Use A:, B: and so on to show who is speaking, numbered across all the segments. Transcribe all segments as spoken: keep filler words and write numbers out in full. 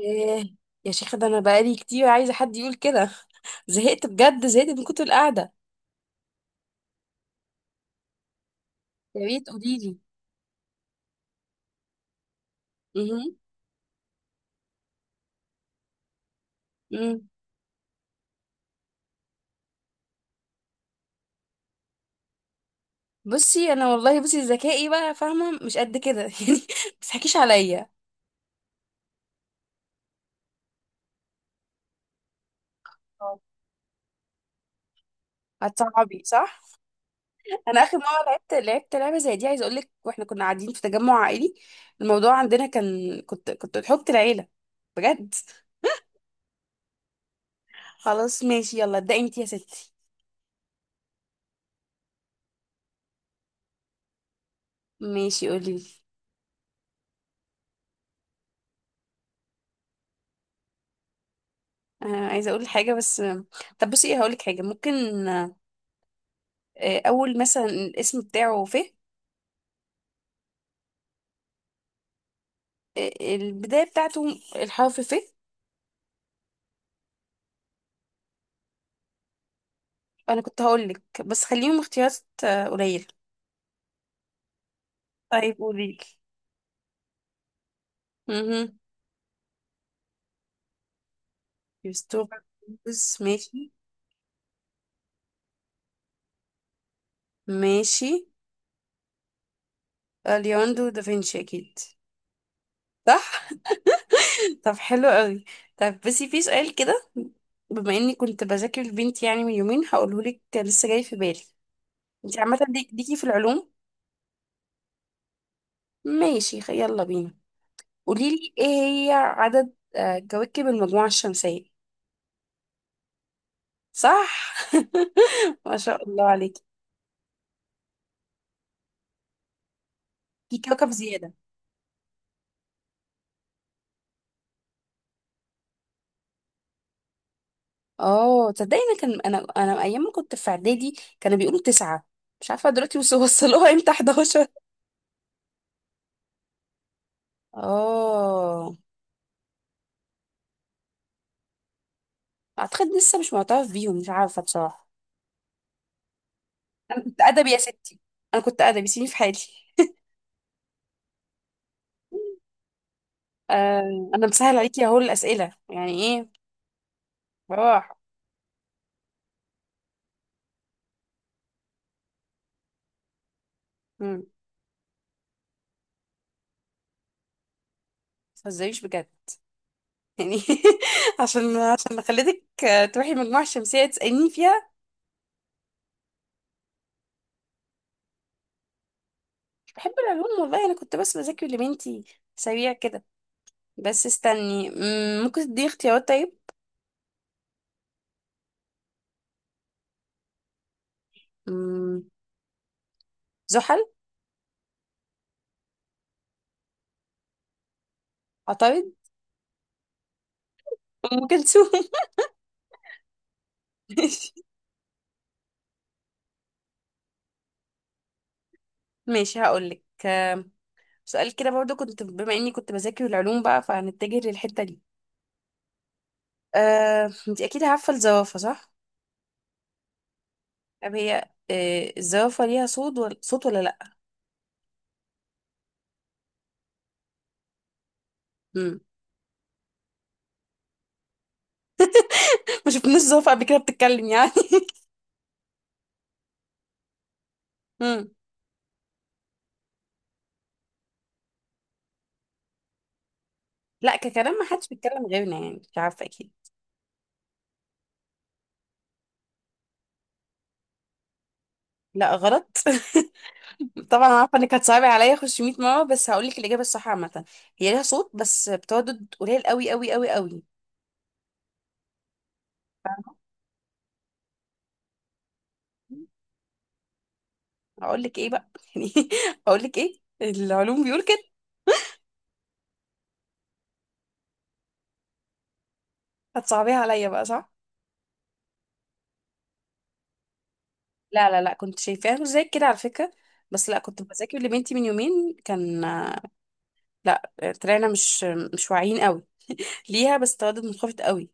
A: ايه، يا شيخة، ده انا بقالي كتير عايزة حد يقول كده. زهقت بجد، زهقت من كتر القعدة. يا ريت قوليلي. مهم. مم. بصي انا والله، بصي ذكائي بقى فاهمة مش قد كده. يعني ما تضحكيش عليا. اه، هتصعبي صح. انا اخر مرة لعبت لعبت لعبة زي دي، عايزة اقول لك، واحنا كنا قاعدين في تجمع عائلي. الموضوع عندنا كان، كنت كنت حب العيلة بجد. خلاص ماشي، يلا ابدأي انتي يا ستي. ماشي قولي. آه، عايزة اقول حاجة بس. طب بصي، ايه، هقول لك حاجة ممكن. آه، اول مثلا الاسم بتاعه، ف... آه، البدايه بتاعته الحرف ف... انا كنت هقول لك، بس خليهم اختيارات آه، قليله. طيب قولي لي. امم. كريستوفر كولومبوس، ماشي. ماشي. آه، ليوناردو دافنشي اكيد. صح. طب حلو قوي. طب، بس في سؤال كده، بما اني كنت بذاكر البنت يعني من يومين، هقوله لك لسه جاي في بالي. انت عامه ليك- ليكي في العلوم؟ ماشي، خ- يلا بينا. قولي لي، ايه هي عدد آه، كواكب المجموعه الشمسيه؟ صح. ما شاء الله عليك. في كوكب زيادة. اه، تصدقي، انا كان انا انا ايام ما كنت في اعدادي كانوا بيقولوا تسعة. مش عارفة دلوقتي، وص- وصلوها امتى حداشر؟ اه، اعتقد لسه مش معترف بيهم، مش عارفة بصراحة. انا كنت ادبي يا ستي، انا كنت ادبي سيبني في حالي. آه، انا مسهل عليكي اهو الاسئلة، يعني ايه. بروح. مم، ما تهزريش بجد يعني. عشان عشان خليتك تروحي المجموعة الشمسية تسأليني فيها. بحب العلوم والله، انا كنت بس بذاكر لبنتي سريع كده. بس استني، مم، ممكن تدي اختيارات طيب؟ مم، زحل. عطارد. ام كلثوم. ماشي. ماشي هقولك آم، سؤال كده برضو، كنت بما اني كنت بذاكر العلوم بقى، فهنتجه للحتة دي. آه، انت اكيد عارفة الزرافة صح؟ طب هي آه، الزرافة ليها صوت ولا صوت ولا لا؟ مم. ما شفناش زرافة قبل كده بتتكلم يعني. مم. لا، ككلام ما حدش بيتكلم غيرنا، يعني مش عارفة اكيد. لا غلط. طبعا انا عارفه انك هتصعبي عليا، اخش مية مرة مره، بس هقول لك الاجابه الصح عامه. هي ليها صوت، بس بتردد قليل قوي قوي قوي قوي. هقول لك ايه بقى؟ يعني هقول لك ايه، العلوم بيقول كده. هتصعبيها عليا بقى، صح؟ لا لا لا، كنت شايفاها مش زي كده على فكره، بس لا، كنت بذاكر لبنتي من يومين كان... لا، طلعنا مش مش واعيين قوي ليها، بس تردد منخفض قوي.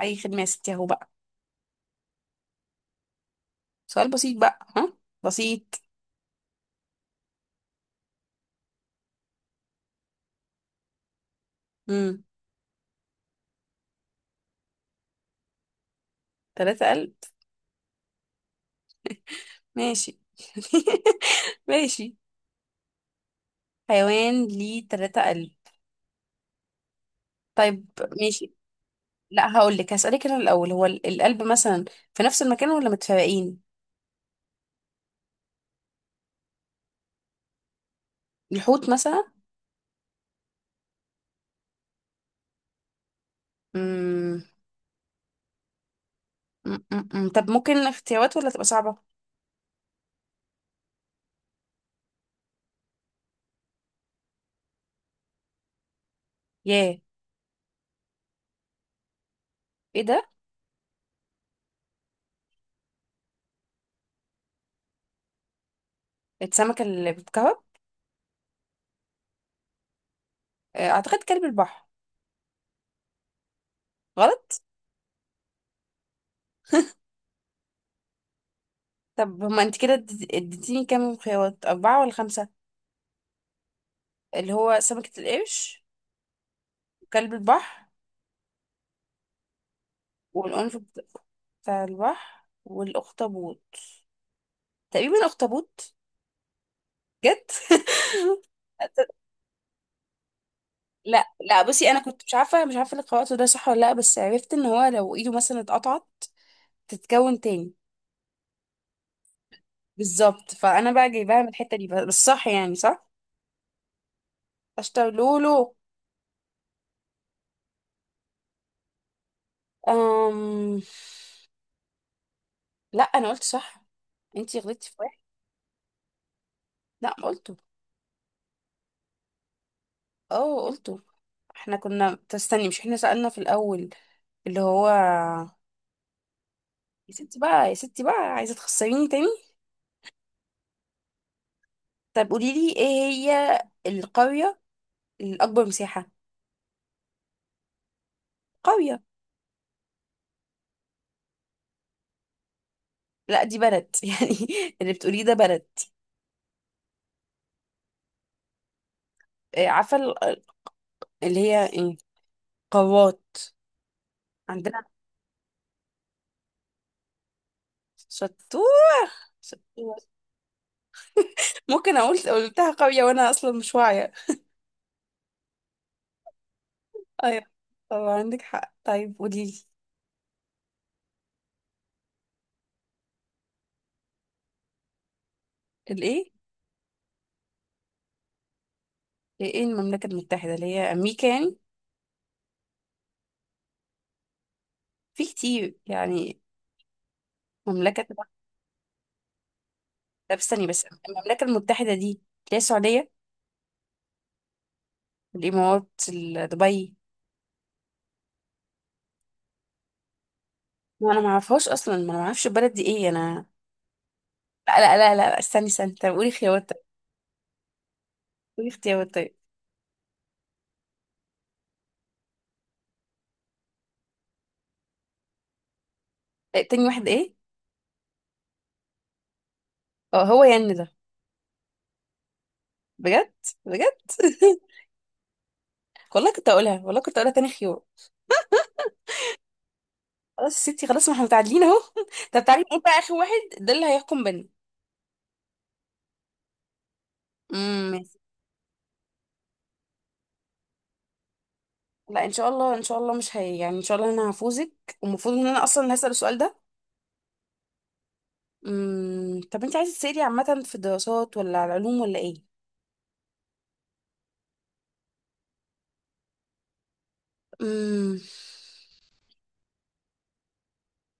A: اي خدمه يا ستي اهو بقى. سؤال بسيط بقى، ها، بسيط. امم. تلاتة آلاف. ماشي. ماشي. حيوان ليه تلاتة قلب؟ طيب، ماشي. لا هقول لك، هسألك انا الأول، هو ال- القلب مثلا في نفس المكان ولا متفرقين؟ الحوت مثلا. مم. مم. مم. مم. طب ممكن اختيارات ولا تبقى صعبة؟ ياه. ايه ده؟ السمكة اللي بتكهرب. آه، اعتقد كلب البحر. غلط؟ طب هما انت كده اديت- اديتيني كام خيارات، أربعة ولا خمسة؟ اللي هو سمكة القرش، وكلب البحر، والقنفذ بتاع البحر، والأخطبوط. تقريبا أخطبوط. جد؟ لا لا، بصي، انا كنت مش عارفه مش عارفه الخواطر ده صح ولا لا، بس عرفت ان هو لو ايده مثلا اتقطعت تتكون تاني. بالظبط، فانا بقى جايباها من الحته دي، بس صح يعني صح. اشتر لولو. أم... لا، انا قلت صح، انتي غلطتي في واحد. لا قلته. اه قلته. احنا كنا، تستني، مش احنا سألنا في الاول، اللي هو... يا ستي بقى، يا ستي بقى، عايزه تخسريني تاني. طب قولي لي، ايه هي القريه الاكبر مساحه؟ قريه. لا، دي بلد يعني، اللي بتقوليه ده بلد. آه، عارفة ال- اللي هي ايه، قوات عندنا. شطور، شطور. ممكن اقول قلتها قوية وانا اصلا مش واعية. ايوه. طبعا عندك حق. طيب قوليلي. الايه؟ ايه إيه، إيه المملكة المتحدة؟ اللي هي امريكا يعني؟ في كتير يعني مملكة، طب... استني بس، المملكة المتحدة دي اللي هي السعودية؟ الامارات، ال- دبي؟ ما انا ما اعرفهاش اصلا، ما انا ما اعرفش البلد دي ايه انا. لا لا لا لا، استني استني، طب قولي خيارات طيب. قولي اختيارات طيب. آه، تاني واحد ايه؟ اه، هو ين ده؟ بجد؟ بجد. والله كنت اقولها، والله كنت اقولها تاني خيار. خلاص يا ستي، خلاص، ما احنا متعادلين اهو. طب تعالي نقول بقى اخر واحد، ده اللي هيحكم بينا. امم، ماشي. لا، ان شاء الله، ان شاء الله مش هي يعني، ان شاء الله انا هفوزك. والمفروض ان انا اصلا اللي هسأل السؤال ده. امم، طب انت عايزه تسألي عامه في الدراسات ولا على العلوم ولا ايه؟ امم.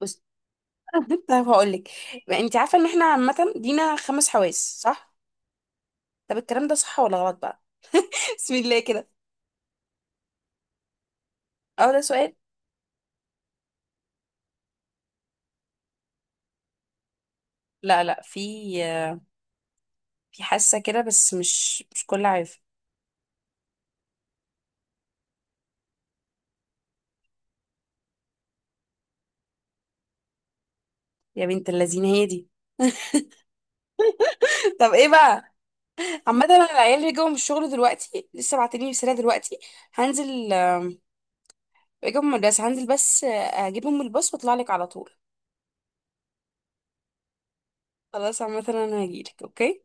A: بص. طب هقول لك، انت عارفه ان احنا عامه لينا خمس حواس صح؟ طب الكلام ده صح ولا غلط بقى؟ بسم الله كده. اه، ده سؤال. لا لا، في في حاسه كده، بس مش مش كل عارف. يا بنت اللذين هي دي. طب ايه بقى؟ عامه انا العيال اللي جاوا من الشغل دلوقتي لسه بعتني رساله دلوقتي، هنزل آم، جاوا من المدرسه، هنزل بس آه، اجيبهم من الباص واطلع لك على طول. خلاص، عامه انا هجيلك. اوكي.